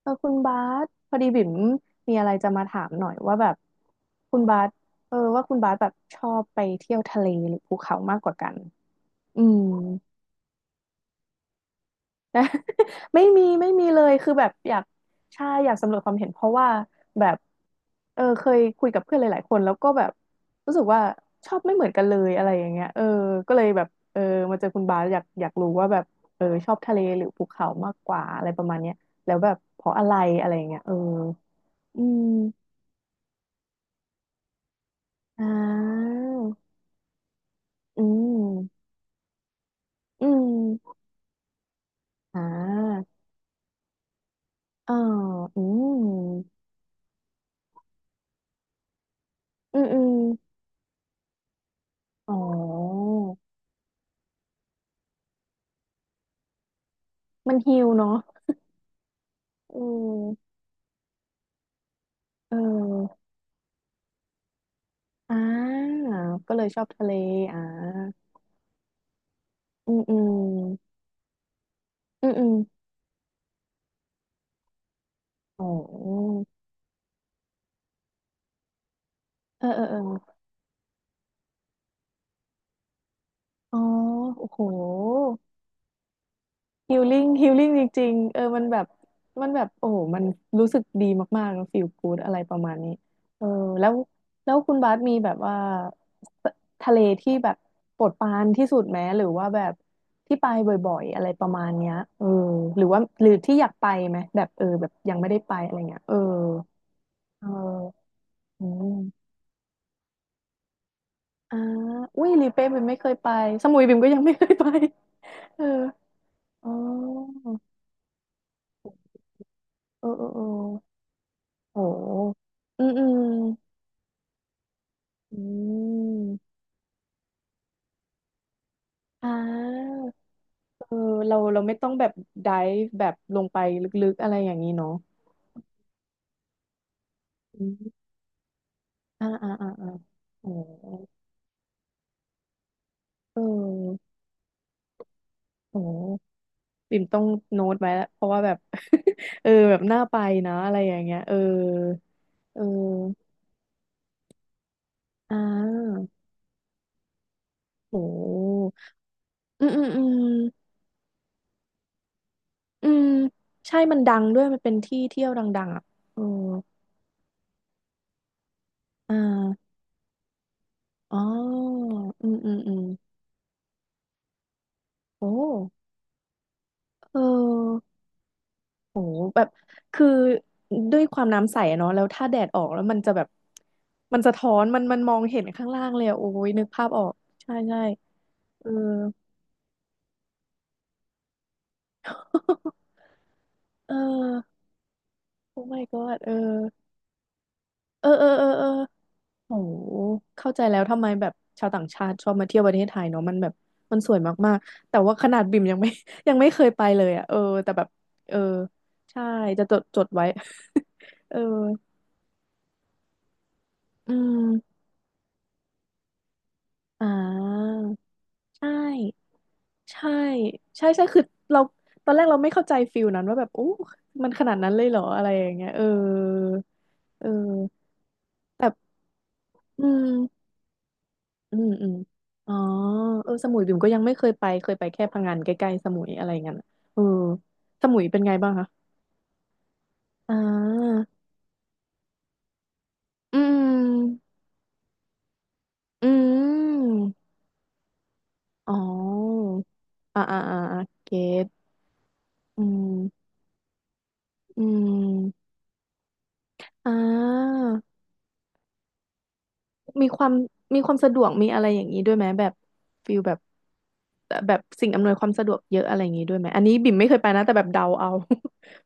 เออคุณบาสพอดีบิ่มมีอะไรจะมาถามหน่อยว่าแบบคุณบาสว่าคุณบาสแบบชอบไปเที่ยวทะเลหรือภูเขามากกว่ากันอืมนะ ไม่มีไม่มีเลยคือแบบอยากใช่อยากสำรวจความเห็นเพราะว่าแบบเคยคุยกับเพื่อนหลายๆคนแล้วก็แบบรู้สึกว่าชอบไม่เหมือนกันเลยอะไรอย่างเงี้ยเออก็เลยแบบเออมาเจอคุณบาสอยากอยากรู้ว่าแบบเออชอบทะเลหรือภูเขามากกว่าอะไรประมาณเนี้ยแล้วแบบเพราะอะไรอะไรอย่างเงี้ยเอออืม อ่าอืมอืมอ่าเอ่อืมอืมอืมอ๋อมันหิวเนาะอืมเอออ่าก็เลยชอบทะเลอ่าอืมอืมอืมอืมอ๋อเออเออเอออ๋อโอ้โห ฮิลลิ่งฮิลลิ่งจริงๆเออมันแบบมันแบบโอ้โหมันรู้สึกดีมากๆแล้วฟีลกู๊ดอะไรประมาณนี้เออแล้วแล้วคุณบาสมีแบบว่าททะเลที่แบบโปรดปรานที่สุดไหมหรือว่าแบบที่ไปบ่อยๆอะไรประมาณเนี้ยเออหรือว่าหรือที่อยากไปไหมแบบเออแบบยังไม่ได้ไปอะไรเงี้ยเออเอออืมอ่าอุ้ยลีเป้บิมไม่เคยไปสมุยบิมก็ยังไม่เคยไป เอออ๋อเออเออเออ โอ้อืมอืมอืมอ่าเออเราเราไม่ต้องแบบ dive แบบลงไปลึกๆอะไรอย่างนี้เนาะอืมอ่าอ่าอ่าอ่าโอ้เออโอ้ปิ่มต้องโน้ตไว้ละเพราะว่าแบบ เออแบบน่าไปนะอะไรอย่างเงี้ยเออเอออ่าโอ้อืมอืมอืมอืมใช่มันดังด้วยมันเป็นที่เที่ยวดังๆอ่ะเอออ่าอ๋ออืมอืมอืม โอ้เออโหแบบคือด้วยความน้ำใสอะเนาะแล้วถ้าแดดออกแล้วมันจะแบบมันสะท้อนมันมองเห็นข้างล่างเลยอะโอ้ยนึกภาพออกใช่ใช่เออ เออโอ้ my god เออเออเออเออเออโหเข้าใจแล้วทำไมแบบชาวต่างชาติชอบมาเที่ยวประเทศไทยเนาะมันแบบมันสวยมากๆแต่ว่าขนาดบิ่มยังไม่ ยังไม่เคยไปเลยอะเออแต่แบบเออใช่จะจดจดไว้ เอออืม อ่าใช่ใช่ใช่ใช่คือเราตอนแรกเราไม่เข้าใจฟิลนั้นว่าแบบโอ้มันขนาดนั้นเลยเหรออะไรอย่างเงี้ยเออเออแต่อืมอืมอืมอ๋อเออสมุยบิ่มก็ยังไม่เคยไปเคยไปแค่พังงานใกล้ๆสมุยอะไรเงี้ยน่ะเออสมุยเป็นไงบ้างคะอ่าอืมอืมอ๋ออ่าอ่าอ่าเกตอืมอืมอ่า มีความมีความสะดวกมีอะไรอย่างนี้ด้วยไหมแบบฟิลแบบแบบสิ่งอำนวยความสะดวกเยอะอะไรอย่างนี้ด้วยไหมอันนี้บิ่มไม่เคยไปนะแต่แบบเดาเอา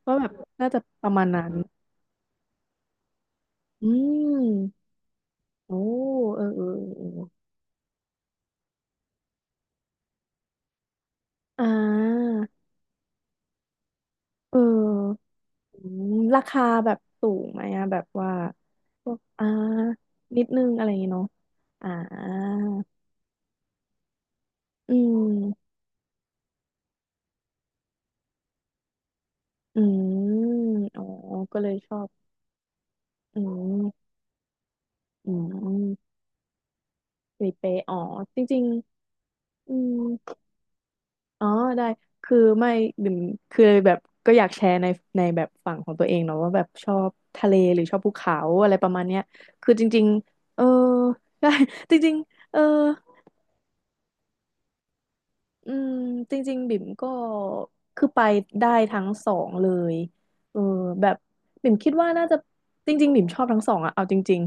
ว่าแบบน่าจะประมาณนั้นอืมโอ้เออเออเอออ่าเอออืมราคาแบบสูงไหมอะแบบว่าพวกอ่านิดนึงอะไรอย่างงี้เนาะอ่าอืมอืมอ๋อก็เลยชอบอืมอืม หลีเป๊ะอ๋อจริงๆอืมอ๋อได้คือไม่บิ่มคือแบบก็อยากแชร์ในในแบบฝั่งของตัวเองเนาะว่าแบบชอบทะเลหรือชอบภูเขาอะไรประมาณเนี้ยคือจริงๆเออได้ จริงๆเออ อืมจริงๆบิ่มก็คือไปได้ทั้งสองเลยเออแบบบิ่มคิดว่าน่าจะจริงๆบิ่มชอบทั้งสองอะเอาจริง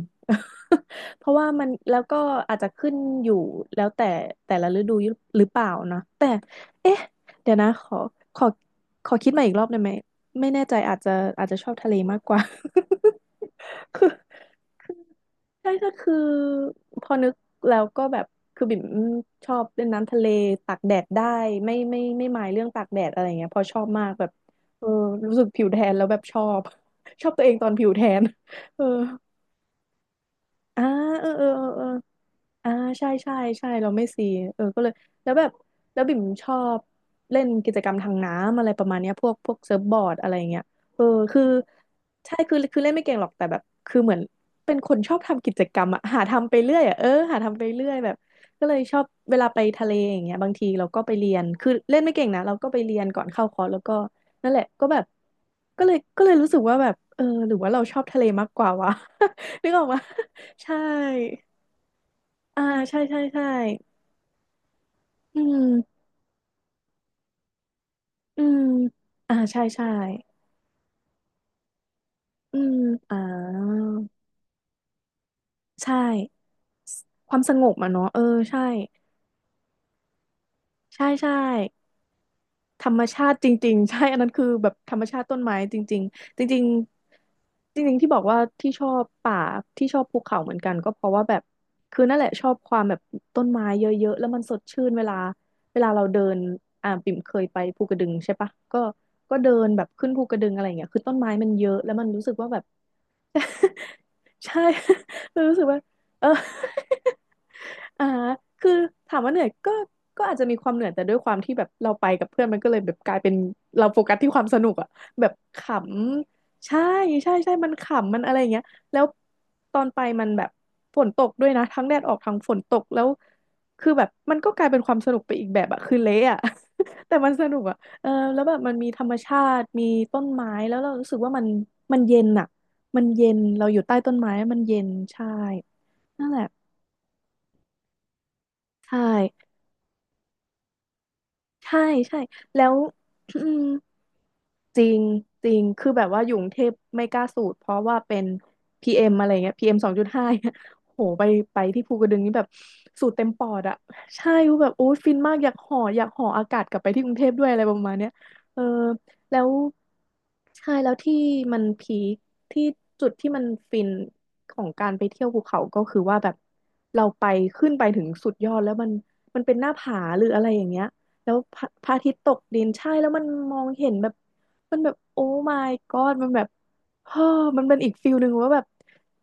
ๆ เพราะว่ามันแล้วก็อาจจะขึ้นอยู่แล้วแต่แต่ละฤดูหรือเปล่านะแต่เอ๊ะเดี๋ยวนะขอขอขอคิดมาอีกรอบได้ไหมไม่แน่ใจอาจจะอาจจะชอบทะเลมากกว่า คือ ใช่ก็คือพอนึกแล้วก็แบบคือบิ่มชอบเล่นน้ำทะเลตากแดดได้ไม่หมายเรื่องตากแดดอะไรเงี้ยเพอชอบมากแบบเออรู้สึกผิวแทนแล้วแบบชอบ ชอบตัวเองตอนผิวแทนเอออ่าเออเออเออเออ อ่าใช่ใช่ใช่เราไม่ซีเออก็เลยแล้วแบบแล้วบิ่มชอบเล่นกิจกรรมทางน้ำอะไรประมาณเนี้ยพวกเซิร์ฟบอร์ดอะไรเงี้ยเออคือใช่คือเล่นไม่เก่งหรอกแต่แบบคือเหมือนเป็นคนชอบทำกิจกรรมอะหาทำไปเรื่อยอะเออหาทำไปเรื่อยแบบก็เลยชอบเวลาไปทะเลอย่างเงี้ยบางทีเราก็ไปเรียนคือเล่นไม่เก่งนะเราก็ไปเรียนก่อนเข้าคอร์สแล้วก็นั่นแหละก็แบบก็เลยรู้สึกว่าแบบเออหรือว่าเราชอบทะเลมากกว่าวะ นึกออกมาใช่ อ่าใช่ใช่ใช่อืม อืม อ่าใช่ใช่อืม อ่าใช่ความสงบอ่ะเนาะเออใช่ใช่ใช่ ธรรมชาติจริงๆ ใช่อันนั้นคือแบบธรรมชาติต้นไม้จริงๆจริงๆจริงๆที่บอกว่าที่ชอบป่าที่ชอบภูเขาเหมือนกันก็เพราะว่าแบบคือนั่นแหละชอบความแบบต้นไม้เยอะๆแล้วมันสดชื่นเวลาเราเดินปิ่มเคยไปภูกระดึงใช่ปะก็เดินแบบขึ้นภูกระดึงอะไรอย่างเงี้ยคือต้นไม้มันเยอะแล้วมันรู้สึกว่าแบบ ใช่ รู้สึกว่า เออ อ่าคือถามว่าเหนื่อยก็อาจจะมีความเหนื่อยแต่ด้วยความที่แบบเราไปกับเพื่อนมันก็เลยแบบกลายเป็นเราโฟกัสที่ความสนุกอะแบบขำใช่ใช่ใช่มันขำมันอะไรอย่างเงี้ยแล้วตอนไปมันแบบฝนตกด้วยนะทั้งแดดออกทั้งฝนตกแล้วคือแบบมันก็กลายเป็นความสนุกไปอีกแบบอะคือเละอะ แต่มันสนุกอะเออแล้วแบบมันมีธรรมชาติมีต้นไม้แล้วเรารู้สึกว่ามันเย็นอะมันเย็นเราอยู่ใต้ต้นไม้มันเย็นใช่ นั่นแหละใช่ ใช่ใช่แล้วอืมจริงจริงคือแบบว่าอยู่กรุงเทพไม่กล้าสูดเพราะว่าเป็นพีเอ็มอะไรเงี้ยPM 2.5โหไปที่ภูกระดึงนี่แบบสูดเต็มปอดอะใช่คือแบบโอ้ยฟินมากอยากห่ออากาศกลับไปที่กรุงเทพด้วยอะไรประมาณเนี้ยเออแล้วใช่แล้วที่มันพีคที่จุดที่มันฟินของการไปเที่ยวภูเขาก็คือว่าแบบเราไปขึ้นไปถึงสุดยอดแล้วมันเป็นหน้าผาหรืออะไรอย่างเงี้ย แล้วพระอาทิตย์ตกดินใช่แล้วมันมองเห็นแบบมันแบบโอ้ my god มันแบบเฮ้อมันเป็นอีกฟิลหนึ่งว่าแบบ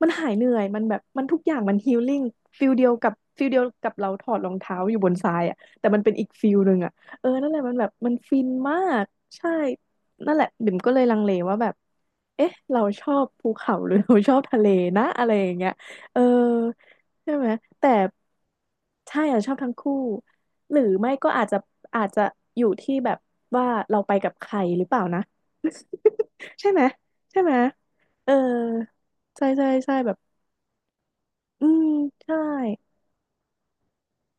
มันหายเหนื่อยมันแบบมันทุกอย่างมันฮีลลิ่งฟิลเดียวกับเราถอดรองเท้าอยู่บนทรายอ่ะแต่มันเป็นอีกฟิลหนึ่งอ่ะเออนั่นแหละมันแบบมันฟินมากใช่นั่นแหละบิ่มก็เลยลังเลว่าแบบเอ๊ะเราชอบภูเขาหรือ เราชอบทะเลนะอะไรอย่างเงี้ยเออใช่ไหมแต่ใช่อ่ะชอบทั้งคู่ หรือไม่ก็อาจจะอยู่ที่แบบว่าเราไปกับใครหรือเปล่านะใช่ไหมใช่ไหมเออใช่ใช่ใช่แบบอืมใช่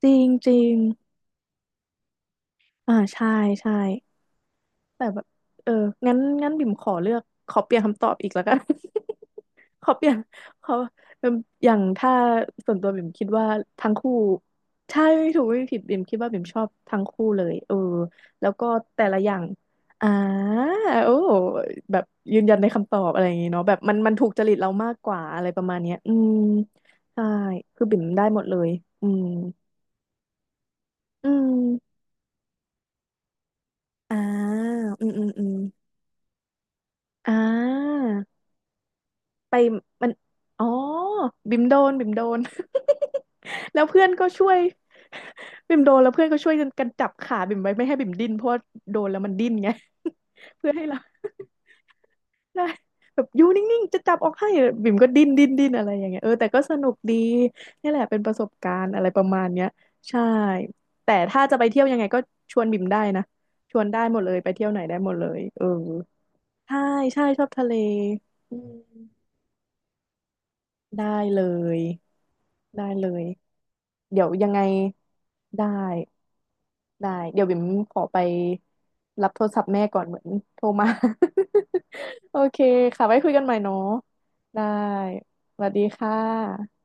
จริงจริงอ่าใช่ใช่ แต่แบบเอองั้นงั้นบิ่มขอเลือกขอเปลี่ยนคำตอบอีกแล้วกัน ขอเปลี่ยนขอเอิ่มอย่างถ้าส่วนตัวบิ่มคิดว่าทั้งคู่ใช่ไม่ถูกไม่ผิดบิ่มคิดว่าบิ่มชอบทั้งคู่เลยเออแล้วก็แต่ละอย่างอ่าโอ้แบบยืนยันในคำตอบอะไรอย่างงี้เนาะแบบมันถูกจริตเรามากกว่าอะไรประมาณเนี้ยอืมใช่คือบิ่มได้หมดเลยอืมอืมอ่าอืมอืมอืมอ่า ไปมันอ๋อบิมโดนบิมโดน แล้วเพื่อนก็ช่วยบิมโดนแล้วเพื่อนก็ช่วยกันจับขาบิมไว้ไม่ให้บิมดิ้นเพราะว่าโดนแล้วมันดิ้นไง เพื่อให้เรา ได้แบบอยู่นิ่งๆจะจับออกให้บิ่มก็ดิ้นอะไรอย่างเงี้ยเออแต่ก็สนุกดีนี่แหละเป็นประสบการณ์อะไรประมาณเนี้ยใช่แต่ถ้าจะไปเที่ยวยังไงก็ชวนบิ่มได้นะชวนได้หมดเลยไปเที่ยวไหนได้หมดเลยเออใช่ใช่ชอบทะเลอืมได้เลย ได้เลยเดี๋ยวยังไงได้ได้เดี๋ยวบิ่มขอไปรับโทรศัพท์แม่ก่อนเหมือนโทรมา โอเคค่ะไว้คุยกันใหม่เนาะได้สวัสดีค่ะ